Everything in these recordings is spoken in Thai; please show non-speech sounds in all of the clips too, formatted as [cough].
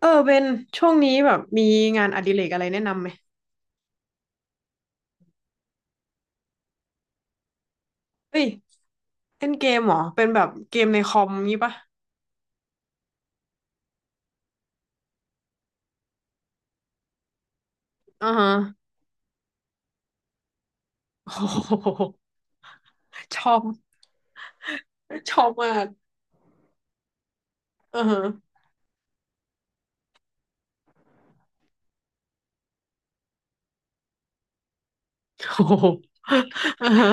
เออเป็นช่วงนี้แบบมีงานอดิเรกอะไรแนะนำไหมเฮ้ยเล่นเกมเหรอเป็นแบบเกมในคอมงี้ปะอ่าฮะ [laughs] โอ้โหชอบชอบมากอ่าฮะ [laughs] โอ้โหอ่าฮะ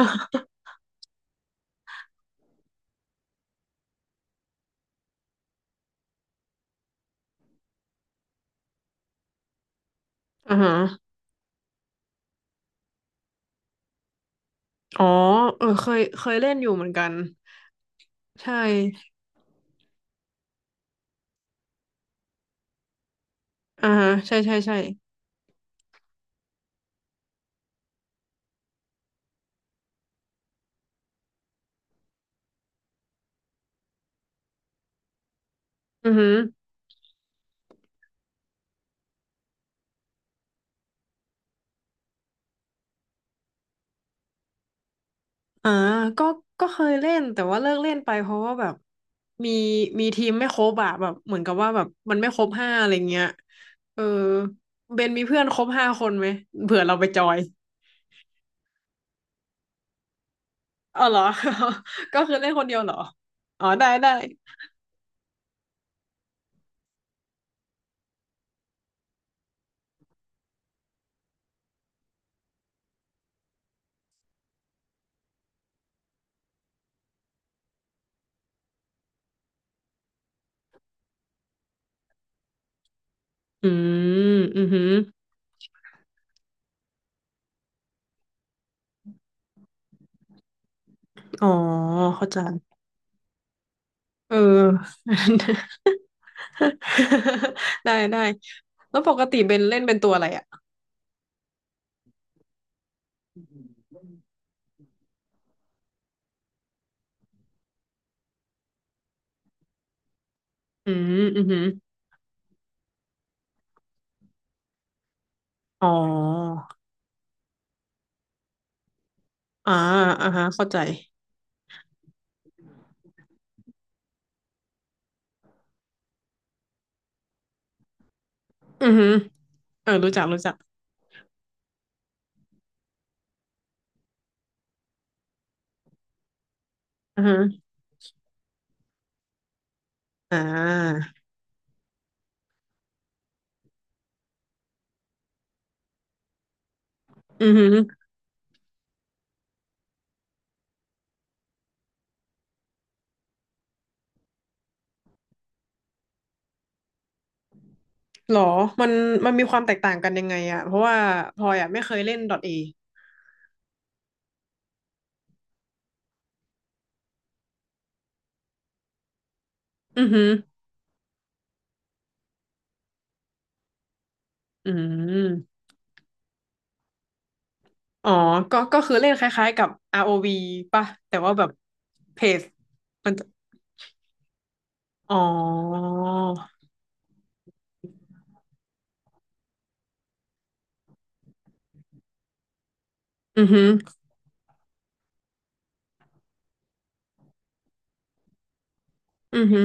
อ่าฮะอ๋อเออเคยเล่นอยู่เหมือนกันใช่อ่าฮะใช่ใช่ใช่อือฮึ อ่าก็ก็เคยเล่นแต่ว่าเลิกเล่นไปเพราะว่าแบบมีมีทีมไม่ครบอะแบบเหมือนกับว่าแบบมันไม่ครบห้าอะไรเงี้ย เออเบนมีเพื่อนครบห้าคนไหมเผื่อเราไปจอยอ๋อเหรอ [laughs] ก็คือเล่นคนเดียวเหรอ อ๋อได้ได้อืมอือหืออ๋อเข้าใจเออ [laughs] ได้ได้แล้วปกติเบนเล่นเป็นตัวอะไรอะอืมอือหืออ๋ออ่าอ่าฮะเข้าใจอือหือ เออรู้จักอือฮะอ่าอือฮึหรอมันมันมีความแตกต่างกันยังไงอะเพราะว่าพลอยอะไม่เคยเล่น .A อือฮึอืมอ๋อก็คือเล่นคล้ายๆกับ ROV ป่ะแต่ว่าแบบเพจมันจะอ๋ออือฮึอือฮึ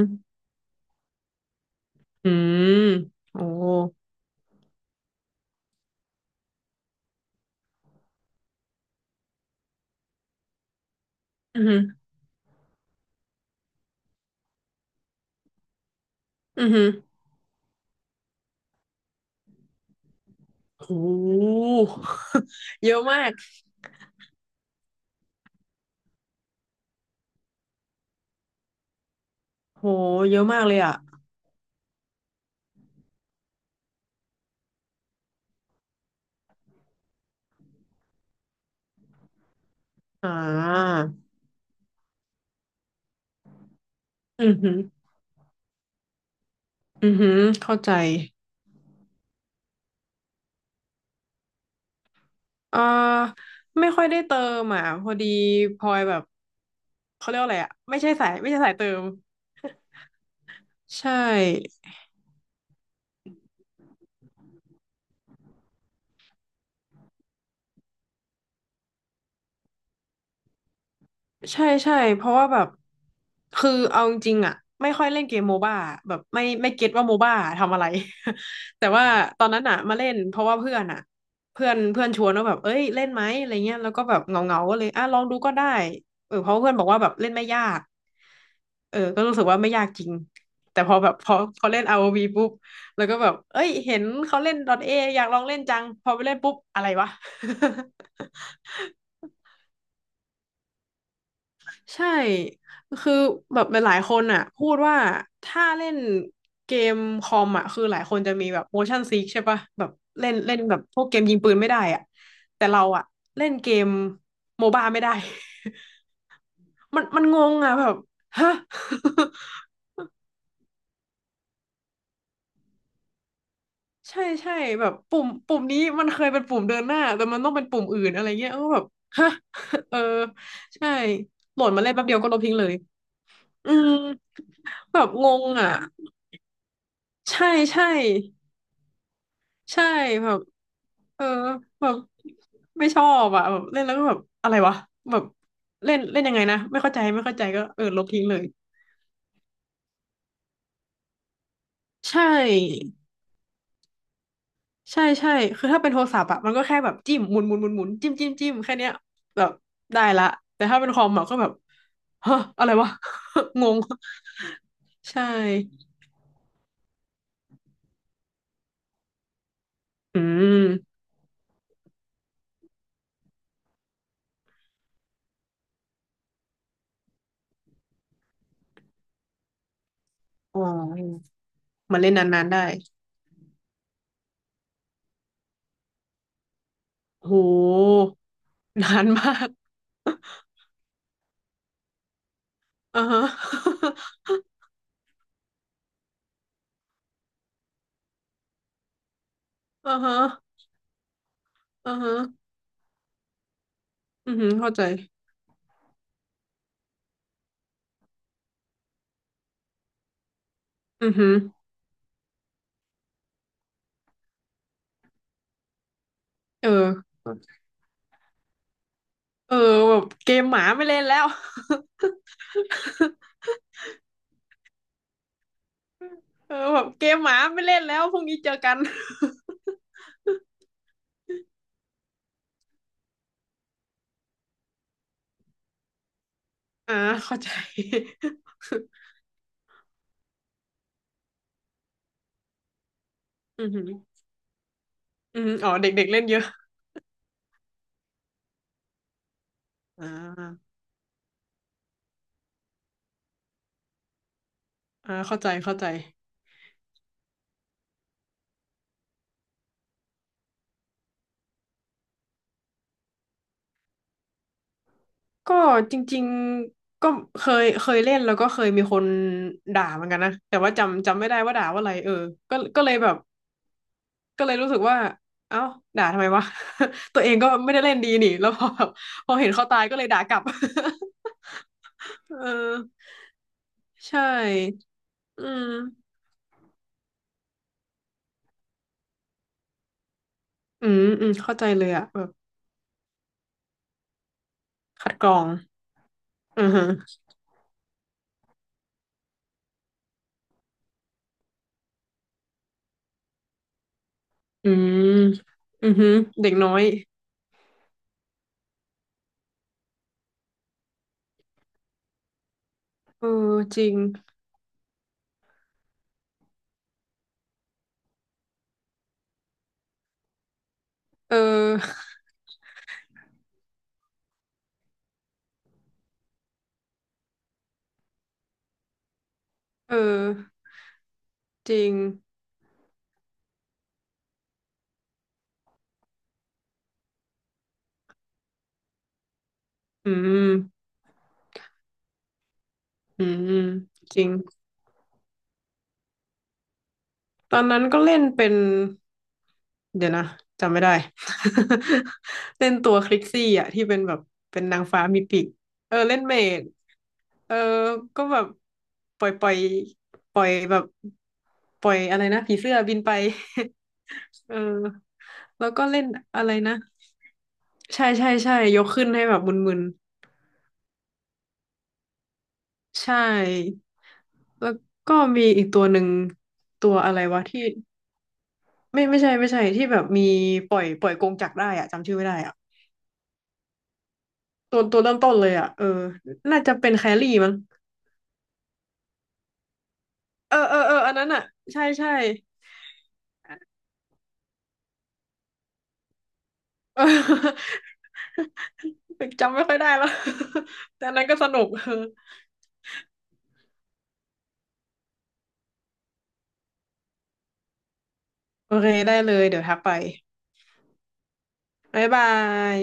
อืมโอ้อือฮึอือฮึโห [laughs] เยอะมากโหเยอะมากเลยอะอ่าอือฮึอือฮึเข้าใจ เอ่อไม่ค่อยได้เติมอ่ะพอดีพลอยแบบเขาเรียกว่าอะไรอ่ะไม่ใช่สายไม่ใช่สายเติมใช่ ใช่ใช่เพราะว่าแบบคือเอาจริงๆอ่ะไม่ค่อยเล่นเกมโมบ้าแบบไม่เก็ตว่าโมบ้าทำอะไร [laughs] แต่ว่าตอนนั้นอ่ะมาเล่นเพราะว่าเพื่อนอ่ะเพื่อนเพื่อนชวนว่าแบบเอ้ยเล่นไหมอะไรเงี้ยแล้วก็แบบเงาก็เลยอ่ะลองดูก็ได้เออเพราะเพื่อนบอกว่าแบบเล่นไม่ยากเออก็รู้สึกว่าไม่ยากจริงแต่พอแบบพอเล่น r o ีปุ๊บแล้วก็แบบเอ้ยเห็นเขาเล่น .A อยากลองเล่นจังพอไปเล่นปุ๊บอะไรวะ [laughs] ใช่ คือแบบหลายๆคนอ่ะพูดว่าถ้าเล่นเกมคอมอ่ะคือหลายคนจะมีแบบ motion sick ใช่ปะแบบเล่นเล่นแบบพวกเกมยิงปืนไม่ได้อ่ะแต่เราอ่ะเล่นเกมโมบ้าไม่ได้ [laughs] มันงงอ่ะแบบฮะ [laughs] ใช่ใช่แบบปุ่มนี้มันเคยเป็นปุ่มเดินหน้าแต่มันต้องเป็นปุ่มอื่นอะไรเงี้ยก็แบบฮะ [laughs] เออใช่โหลดมาเล่นแป๊บเดียวก็ลบทิ้งเลยอืมแบบงงอ่ะใช่ใช่ ใช่แบบเออแบบไม่ชอบอ่ะแบบเล่นแล้วก็แบบอะไรวะแบบเล่นเล่นยังไงนะไม่เข้าใจก็เออลบทิ้งเลยใช่ใช่ใช่คือถ้าเป็นโทรศัพท์อะมันก็แค่แบบจิ้มหมุนหมุนหมุนหมุนจิ้มจิ้มจิ้มแค่เนี้ยแบบได้ละแต่ถ้าเป็นคอมอะก็แบบฮะอะไรวะ [laughs] งงใช่อืมอ๋อมันเล่นนานๆได้โหนานมาก [laughs] อ่าฮะ [laughs] อ่าฮะอ่าฮะ อือหือเข้าใจอือหือเออเออแบบเกมหมาไม่เล่นแล้ว [laughs] เออแบบเกมหมาไม่เล่นแล้วพรุ่งนี้เจอกัน [laughs] อ่าเข้าใจ [laughs] อือหืออือหืออ๋อเด็กๆเล่นเยอะอ่าอ่าเข้าใจเข้าใจ ก็จริงๆก็เคยเล่นแล้วก็เคยมีคนด่าเหมือนกันนะแต่ว่าจำไม่ได้ว่าด่าว่าอะไรเออก็ก็เลยแบบ ก็เลยรู้สึกว่าเอ้าด่าทำไมวะ [laughs] ตัวเองก็ไม่ได้เล่นดีนี่แล้วพอแบบพอเห็นเขาตายก็เลยด่ากลับ [laughs] เออใช่อืมอืมอืมเข้าใจเลยอะแบบคัดกรองอือฮึอืมอือฮึเด็กน้อยเออจริงเออเออจริงอืมอืมจริงตอนนั้นก็เล่นเป็น เดี๋ยวนะจำไม่ได้ [laughs] เล่นตัวคลิกซี่อ่ะที่เป็นแบบเป็นนางฟ้ามีปีกเออเล่นเมดเออก็แบบปล่อยปล่อยแบบปล่อยอะไรนะผีเสื้อบินไป [laughs] เออแล้วก็เล่นอะไรนะใช่ใช่ใช่ยกขึ้นให้แบบมึนๆใช่แล้วก็มีอีกตัวหนึ่งตัวอะไรวะที่ไม่ใช่ไม่ใช่ที่แบบมีปล่อยกงจักรได้อะจำชื่อไม่ได้อะตัวตัวเริ่มต้นเลยอะเออน่าจะเป็นแครี่มั้ง เออเออเอออันนั้นอ่ะใช่ใช่ [laughs] เออจำไม่ค่อยได้แล้ว [laughs] แต่อันนั้นก็สนุก [laughs] เออโอเคได้เลยเดี๋ยวทักไปบ๊ายบาย